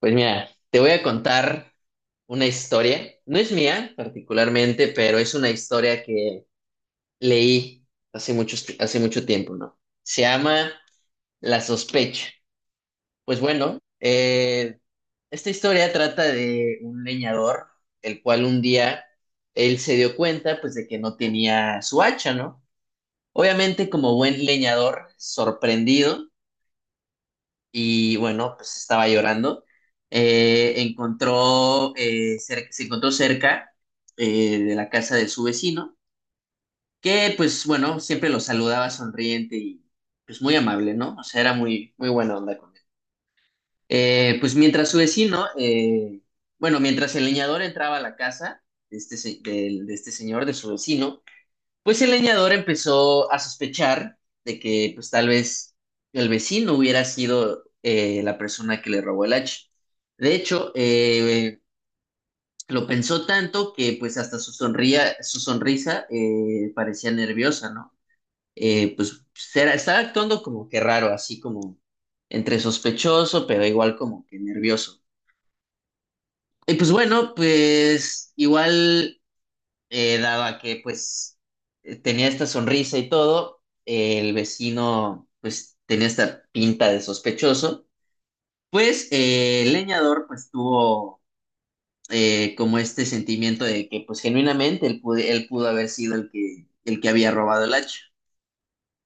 Pues mira, te voy a contar una historia. No es mía particularmente, pero es una historia que leí hace mucho tiempo, ¿no? Se llama La sospecha. Pues bueno, esta historia trata de un leñador, el cual un día él se dio cuenta, pues, de que no tenía su hacha, ¿no? Obviamente, como buen leñador, sorprendido y bueno, pues estaba llorando. Encontró, se encontró cerca de la casa de su vecino, que pues bueno, siempre lo saludaba sonriente y pues muy amable, ¿no? O sea, era muy, muy buena onda con él. Pues mientras su vecino, bueno, mientras el leñador entraba a la casa de este, de este señor, de su vecino, pues el leñador empezó a sospechar de que pues tal vez el vecino hubiera sido la persona que le robó el hacha. De hecho, lo pensó tanto que pues hasta su sonrisa parecía nerviosa, ¿no? Eh, pues estaba actuando como que raro, así como entre sospechoso, pero igual como que nervioso. Y pues bueno, pues igual dado a que pues tenía esta sonrisa y todo, el vecino pues tenía esta pinta de sospechoso, pues el leñador pues tuvo como este sentimiento de que pues genuinamente él pudo haber sido el que había robado el hacha.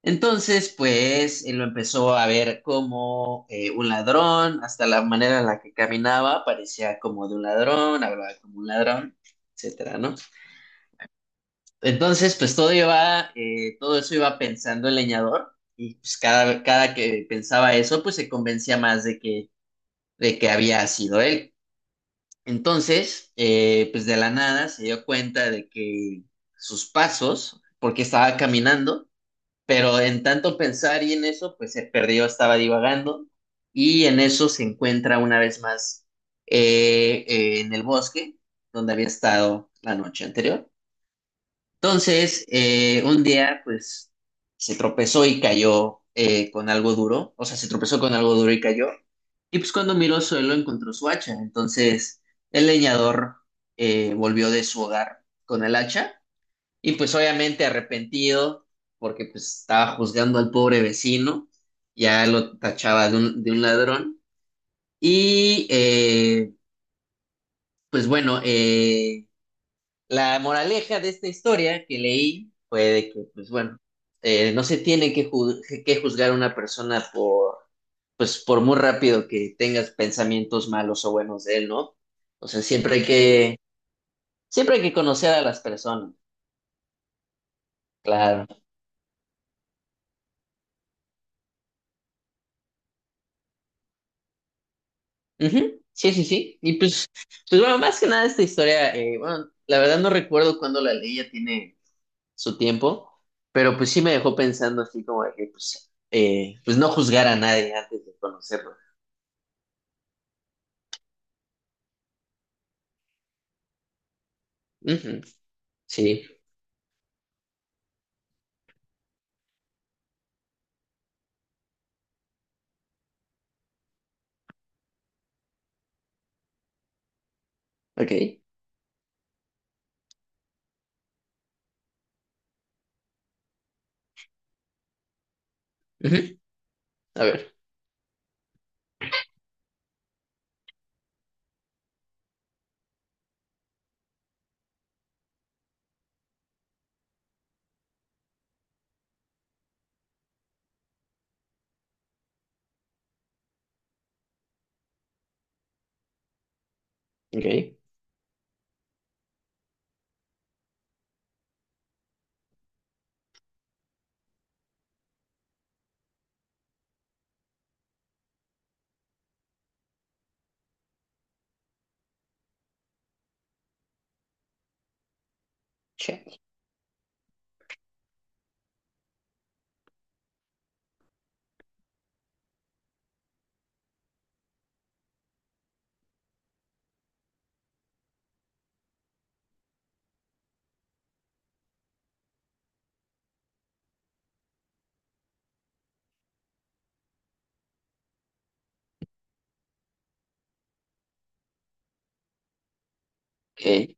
Entonces pues él lo empezó a ver como un ladrón, hasta la manera en la que caminaba parecía como de un ladrón, hablaba como un ladrón, etcétera, ¿no? Entonces, pues todo eso iba pensando el leñador y pues cada que pensaba eso, pues se convencía más de que había sido él. Entonces, pues de la nada se dio cuenta de que sus pasos, porque estaba caminando, pero en tanto pensar y en eso, pues se perdió, estaba divagando y en eso se encuentra una vez más en el bosque donde había estado la noche anterior. Entonces, un día, pues, se tropezó y cayó con algo duro, o sea, se tropezó con algo duro y cayó, y pues cuando miró al suelo encontró su hacha, entonces el leñador volvió de su hogar con el hacha, y pues obviamente arrepentido, porque pues estaba juzgando al pobre vecino, ya lo tachaba de un ladrón, y eh, pues bueno, la moraleja de esta historia que leí fue de que, pues bueno, no se tiene que juzgar a una persona por, pues por muy rápido que tengas pensamientos malos o buenos de él, ¿no? O sea, siempre hay que conocer a las personas, claro. Ujú. Sí, sí, sí. Y pues, pues bueno, más que nada esta historia, bueno, la verdad no recuerdo cuándo la leí, ya tiene su tiempo, pero pues sí me dejó pensando así como de que, pues, pues no juzgar a nadie antes de conocerlo. Ujú. Sí, ok. Ujú. A ver, ok. Check. Ok.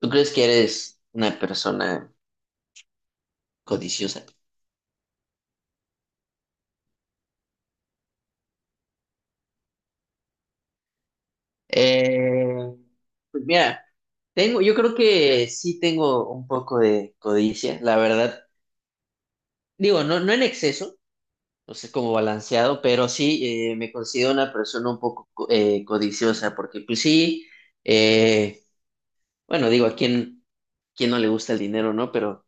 ¿Tú crees que eres una persona codiciosa? Eh, pues mira, tengo, yo creo que sí tengo un poco de codicia, la verdad. Digo, no, no en exceso, no sé, como balanceado, pero sí me considero una persona un poco codiciosa, porque pues sí, eh, bueno, digo, ¿a quién, quién no le gusta el dinero, no? Pero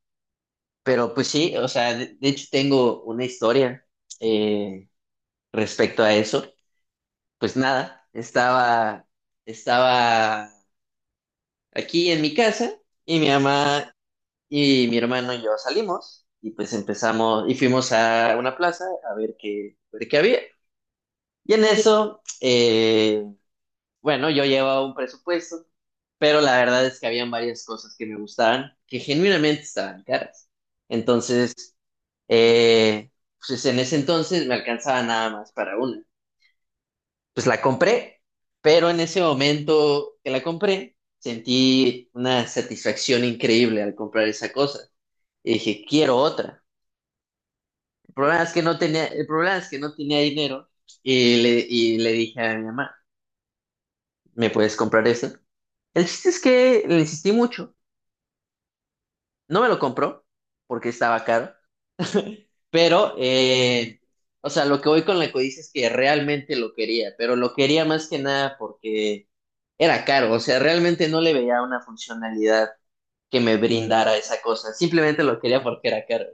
Pero pues sí, o sea, de hecho tengo una historia eh, respecto a eso. Pues nada, estaba aquí en mi casa y mi mamá y mi hermano y yo salimos y pues empezamos y fuimos a una plaza a ver qué había. Y en eso, bueno, yo llevaba un presupuesto, pero la verdad es que habían varias cosas que me gustaban que genuinamente estaban caras. Entonces, Eh, pues en ese entonces me alcanzaba nada más para una. Pues la compré, pero en ese momento que la compré, sentí una satisfacción increíble al comprar esa cosa. Y dije, quiero otra. El problema es que no tenía, el problema es que no tenía dinero y le dije a mi mamá, ¿me puedes comprar esa? El chiste es que le insistí mucho. No me lo compró porque estaba caro. Pero, o sea, lo que voy con la codicia es que realmente lo quería, pero lo quería más que nada porque era caro, o sea, realmente no le veía una funcionalidad que me brindara esa cosa, simplemente lo quería porque era caro.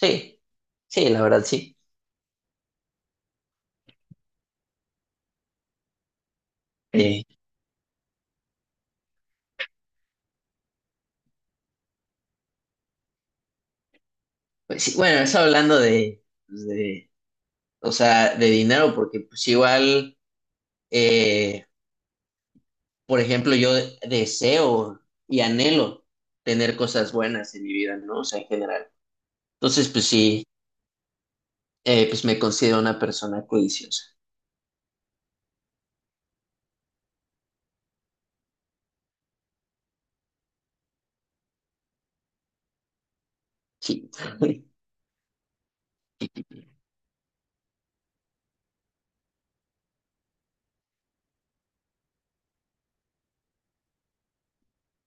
Sí, sí, la verdad, sí. Eh, pues sí, bueno, eso hablando de, pues, de, o sea, de dinero, porque pues igual, eh, por ejemplo, yo deseo y anhelo tener cosas buenas en mi vida, ¿no? O sea, en general. Entonces, pues sí. Pues me considero una persona codiciosa. Sí.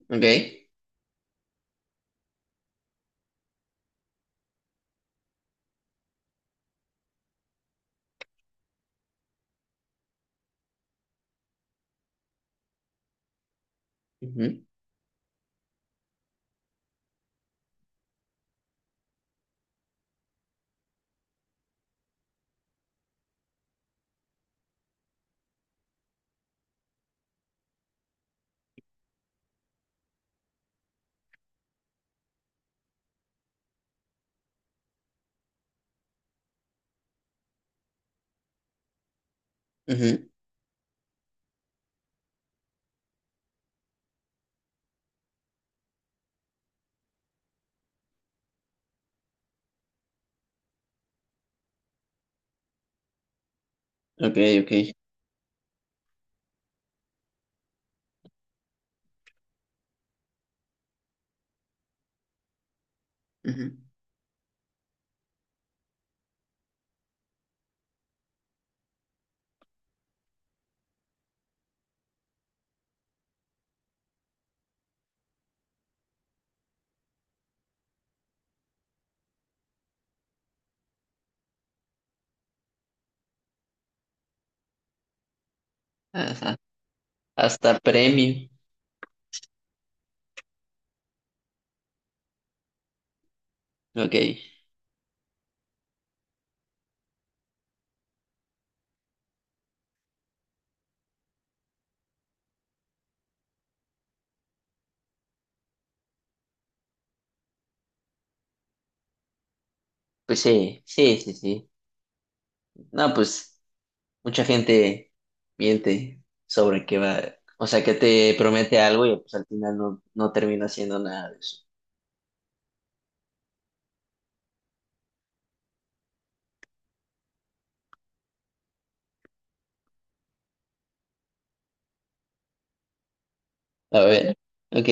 Ok. Ujú, ujú. Ok, ok. Ujú. Ajá. Hasta premio. Ok. Pues sí, sí, sí, sí. No, pues mucha gente miente sobre qué va. O sea, que te promete algo y pues al final no, no termina haciendo nada de eso. A ver. Ok.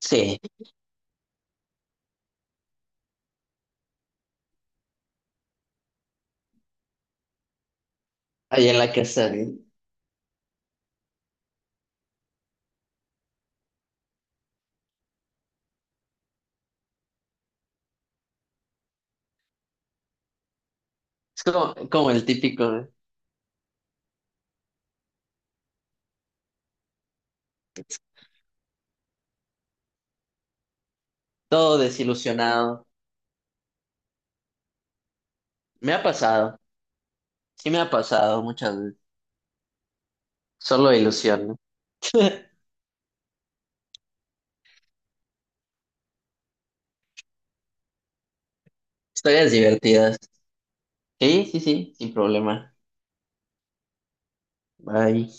Sí. Allá en la casa. ¿Eh? Es como, como el típico, ¿eh? Todo desilusionado. Me ha pasado. Sí me ha pasado muchas veces. Solo ilusión, ¿no? Historias divertidas. Sí, sí, sí, sin problema. Bye.